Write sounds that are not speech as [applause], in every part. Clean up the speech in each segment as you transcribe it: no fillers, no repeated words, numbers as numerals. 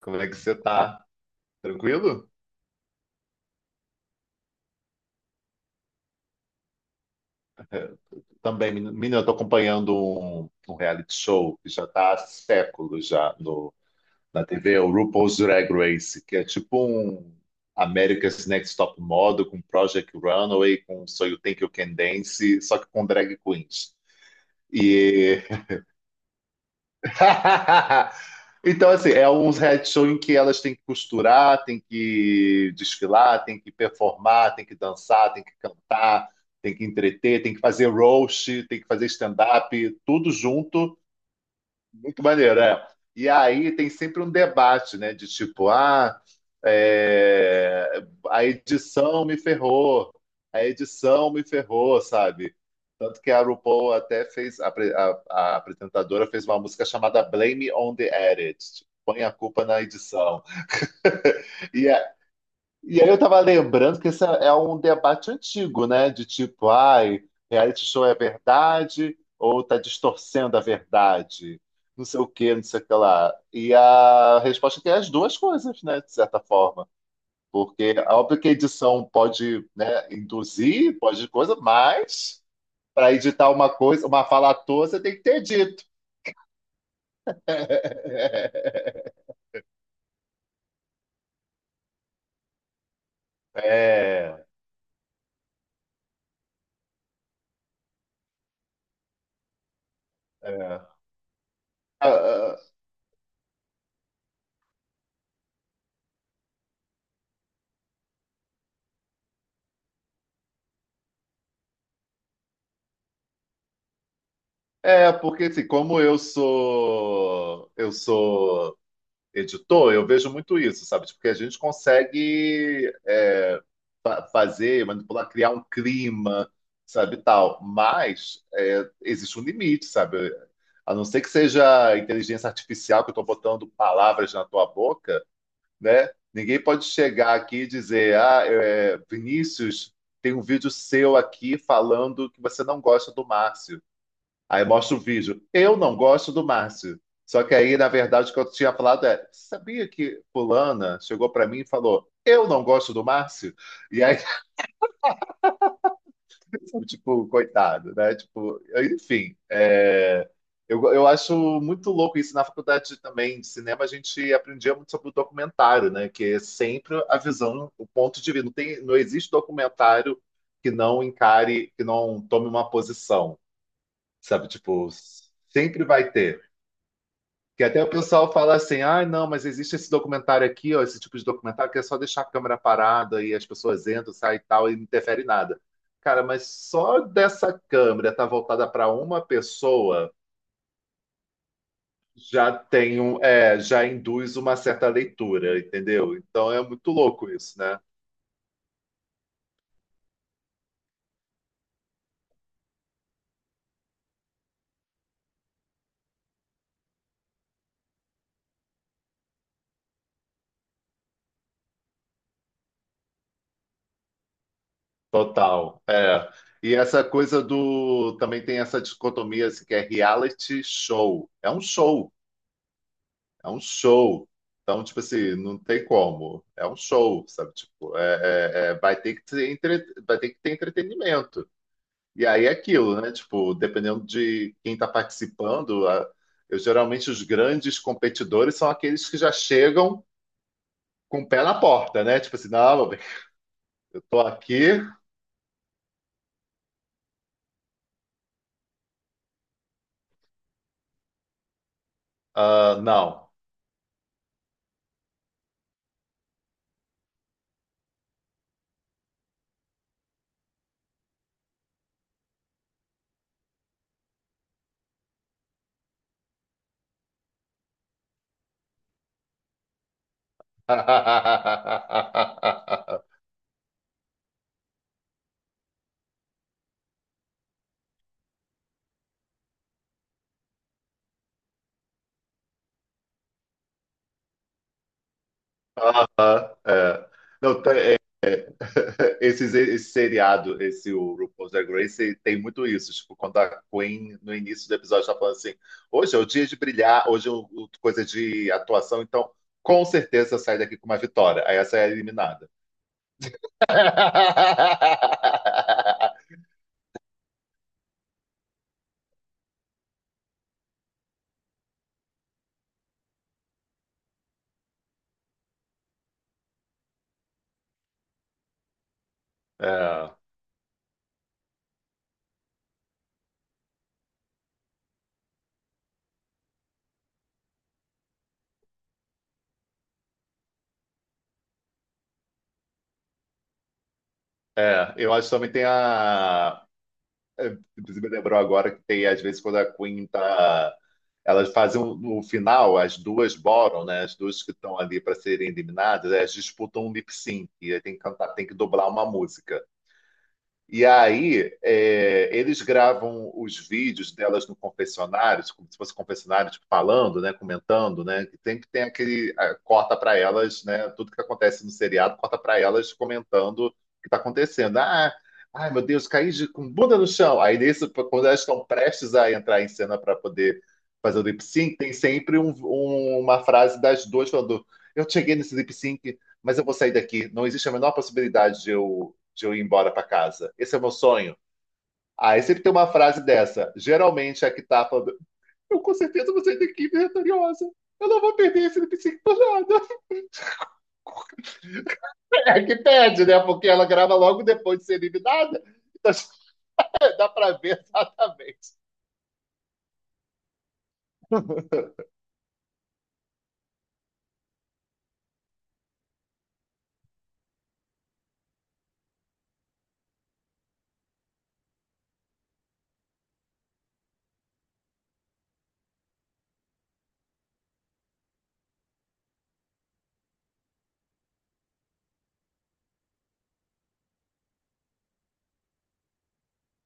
Como é que você tá? Tranquilo? Também, menina, eu tô acompanhando um reality show que já tá há séculos já no, na TV, é o RuPaul's Drag Race, que é tipo um America's Next Top Model com Project Runway, com So You Think You Can Dance, só que com drag queens. [laughs] Então, assim, é uns reality show em que elas têm que costurar, têm que desfilar, têm que performar, têm que dançar, têm que cantar, têm que entreter, têm que fazer roast, têm que fazer stand-up, tudo junto muito maneiro, é. E aí tem sempre um debate, né? De tipo, ah, é, a edição me ferrou, a edição me ferrou, sabe? Tanto que a RuPaul até fez, a apresentadora fez uma música chamada Blame on the Edit, tipo, põe a culpa na edição. E e aí eu tava lembrando que esse é um debate antigo, né? De tipo, ai, reality show é verdade ou tá distorcendo a verdade? Não sei o que, não sei o que lá. E a resposta é que é as duas coisas, né? De certa forma. Porque é óbvio que a edição pode, né, induzir, pode coisa, mas para editar uma coisa, uma fala à toa, você tem que ter dito. [laughs] É, é. Ah, ah, é, porque assim, como eu sou editor, eu vejo muito isso, sabe? Porque a gente consegue é, fazer, manipular, criar um clima, sabe, tal. Mas é, existe um limite, sabe? A não ser que seja inteligência artificial que eu estou botando palavras na tua boca, né? Ninguém pode chegar aqui e dizer, ah, é, Vinícius, tem um vídeo seu aqui falando que você não gosta do Márcio. Aí mostra o vídeo. Eu não gosto do Márcio. Só que aí, na verdade, o que eu tinha falado é: sabia que fulana chegou pra mim e falou, eu não gosto do Márcio? E aí, [laughs] tipo, coitado, né? Tipo, enfim, é, eu acho muito louco isso. Na faculdade também de cinema, a gente aprendia muito sobre o documentário, né? Que é sempre a visão, o ponto de vista. Não existe documentário que não encare, que não tome uma posição, sabe? Tipo, sempre vai ter. Que até o pessoal fala assim, ah, não, mas existe esse documentário aqui, ó, esse tipo de documentário que é só deixar a câmera parada e as pessoas entram, saem e tal, e não interfere em nada. Cara, mas só dessa câmera estar voltada para uma pessoa já tem um, é, já induz uma certa leitura, entendeu? Então é muito louco isso, né? Total. É. E essa coisa do. Também tem essa dicotomia assim, que é reality show. É um show. É um show. Então, tipo assim, não tem como. É um show, sabe? Tipo, vai ter que ter vai ter que ter entretenimento. E aí é aquilo, né? Tipo, dependendo de quem está participando, eu geralmente os grandes competidores são aqueles que já chegam com o pé na porta, né? Tipo assim, não, meu bem, eu tô aqui, ah, não. [laughs] Ah, é. Não, é, [laughs] esse seriado, esse o RuPaul's Drag Race, tem muito isso. Tipo, quando a Queen, no início do episódio, tá falando assim: hoje é o dia de brilhar, hoje é coisa de atuação, então com certeza eu saio daqui com uma vitória. Aí essa é eliminada. [laughs] É, é, eu acho que também tem a. É, inclusive, me lembrou agora que tem, às vezes, quando a Queen tá elas fazem no final, as duas bottom, né? As duas que estão ali para serem eliminadas, elas disputam um lip sync e tem que cantar, tem que dobrar uma música. E aí, é, eles gravam os vídeos delas no confessionário, como se fosse confessionário, tipo, falando, né, comentando, né, que tem aquele ah, corta para elas, né, tudo que acontece no seriado, corta para elas comentando o que está acontecendo. Ah, ai meu Deus, caí de, com bunda no chão. Aí nesse, quando elas estão prestes a entrar em cena para poder fazer o lip sync, tem sempre uma frase das duas falando: "Eu cheguei nesse lip sync, mas eu vou sair daqui. Não existe a menor possibilidade de eu ir embora para casa. Esse é o meu sonho." Aí ah, sempre tem uma frase dessa. Geralmente é a que tá falando: eu com certeza vou sair daqui vitoriosa. Eu não vou perder esse lip sync por nada. [laughs] É a que pede, né? Porque ela grava logo depois de ser eliminada. Então [laughs] dá para ver exatamente.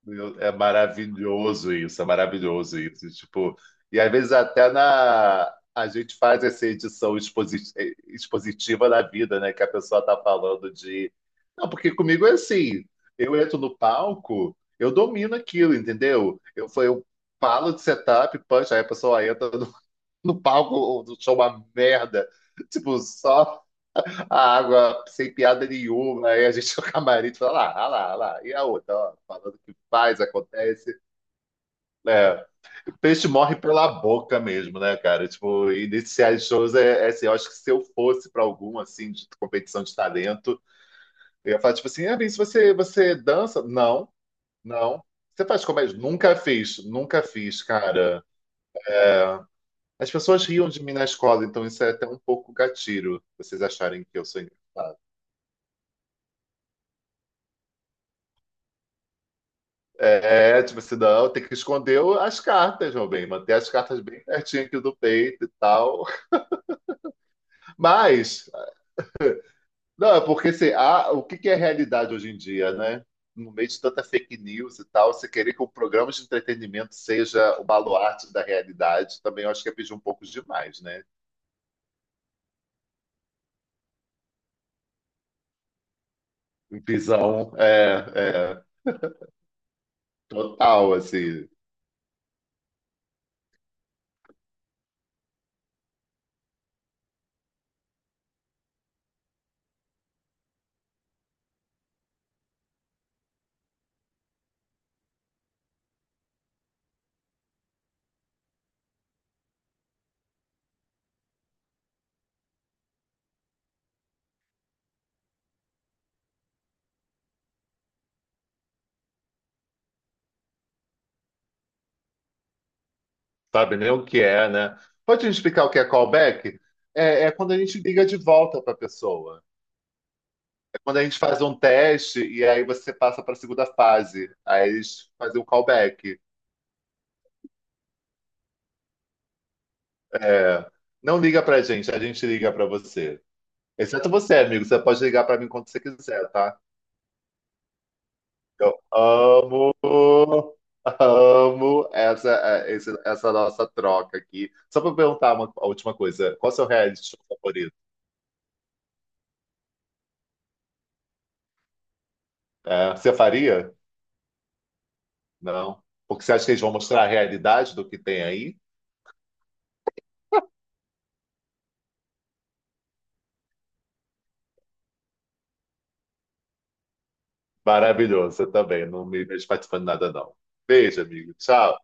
Meu, é maravilhoso isso, é maravilhoso isso. E, tipo, e às vezes até na a gente faz essa edição expositiva da vida, né? Que a pessoa tá falando de. Não, porque comigo é assim, eu entro no palco, eu domino aquilo, entendeu? Eu, eu falo de setup, punch, aí a pessoa entra no palco, o show é uma merda. Tipo, só a água sem piada nenhuma, aí a gente [laughs] no camarim fala, lá, ah lá, ah lá. E a outra, ó, falando que faz, acontece. É, peixe morre pela boca mesmo, né, cara? Tipo, iniciar shows é, é assim, eu acho que se eu fosse pra algum, assim, de competição de talento, eu ia falar, tipo assim, ah, Vinícius, você dança? Não, não. Você faz comédia? Nunca fiz, nunca fiz, cara. As pessoas riam de mim na escola, então isso é até um pouco gatilho, vocês acharem que eu sou engraçado. É, tipo assim, não, tem que esconder as cartas, meu bem, manter as cartas bem pertinho aqui do peito e tal. Mas, não, é porque assim, o que que é realidade hoje em dia, né? No meio de tanta fake news e tal, você querer que o programa de entretenimento seja o baluarte da realidade, também eu acho que é pedir um pouco demais, né? Visão, é, é, total, assim, sabe nem o que é, né? Pode me explicar o que é callback? É, é quando a gente liga de volta para a pessoa. Quando a gente faz um teste e aí você passa para a segunda fase, aí eles fazem o callback. É, não liga para a gente liga para você. Exceto você, amigo, você pode ligar para mim quando você quiser, tá? Eu amo, amo essa, é, essa nossa troca aqui. Só para perguntar uma, a última coisa, qual é o seu reality show favorito? É, você faria? Não. Porque você acha que eles vão mostrar a realidade do que tem aí? Maravilhoso, eu também. Não me vejo participando de nada, não. Beijo, amigo. Tchau.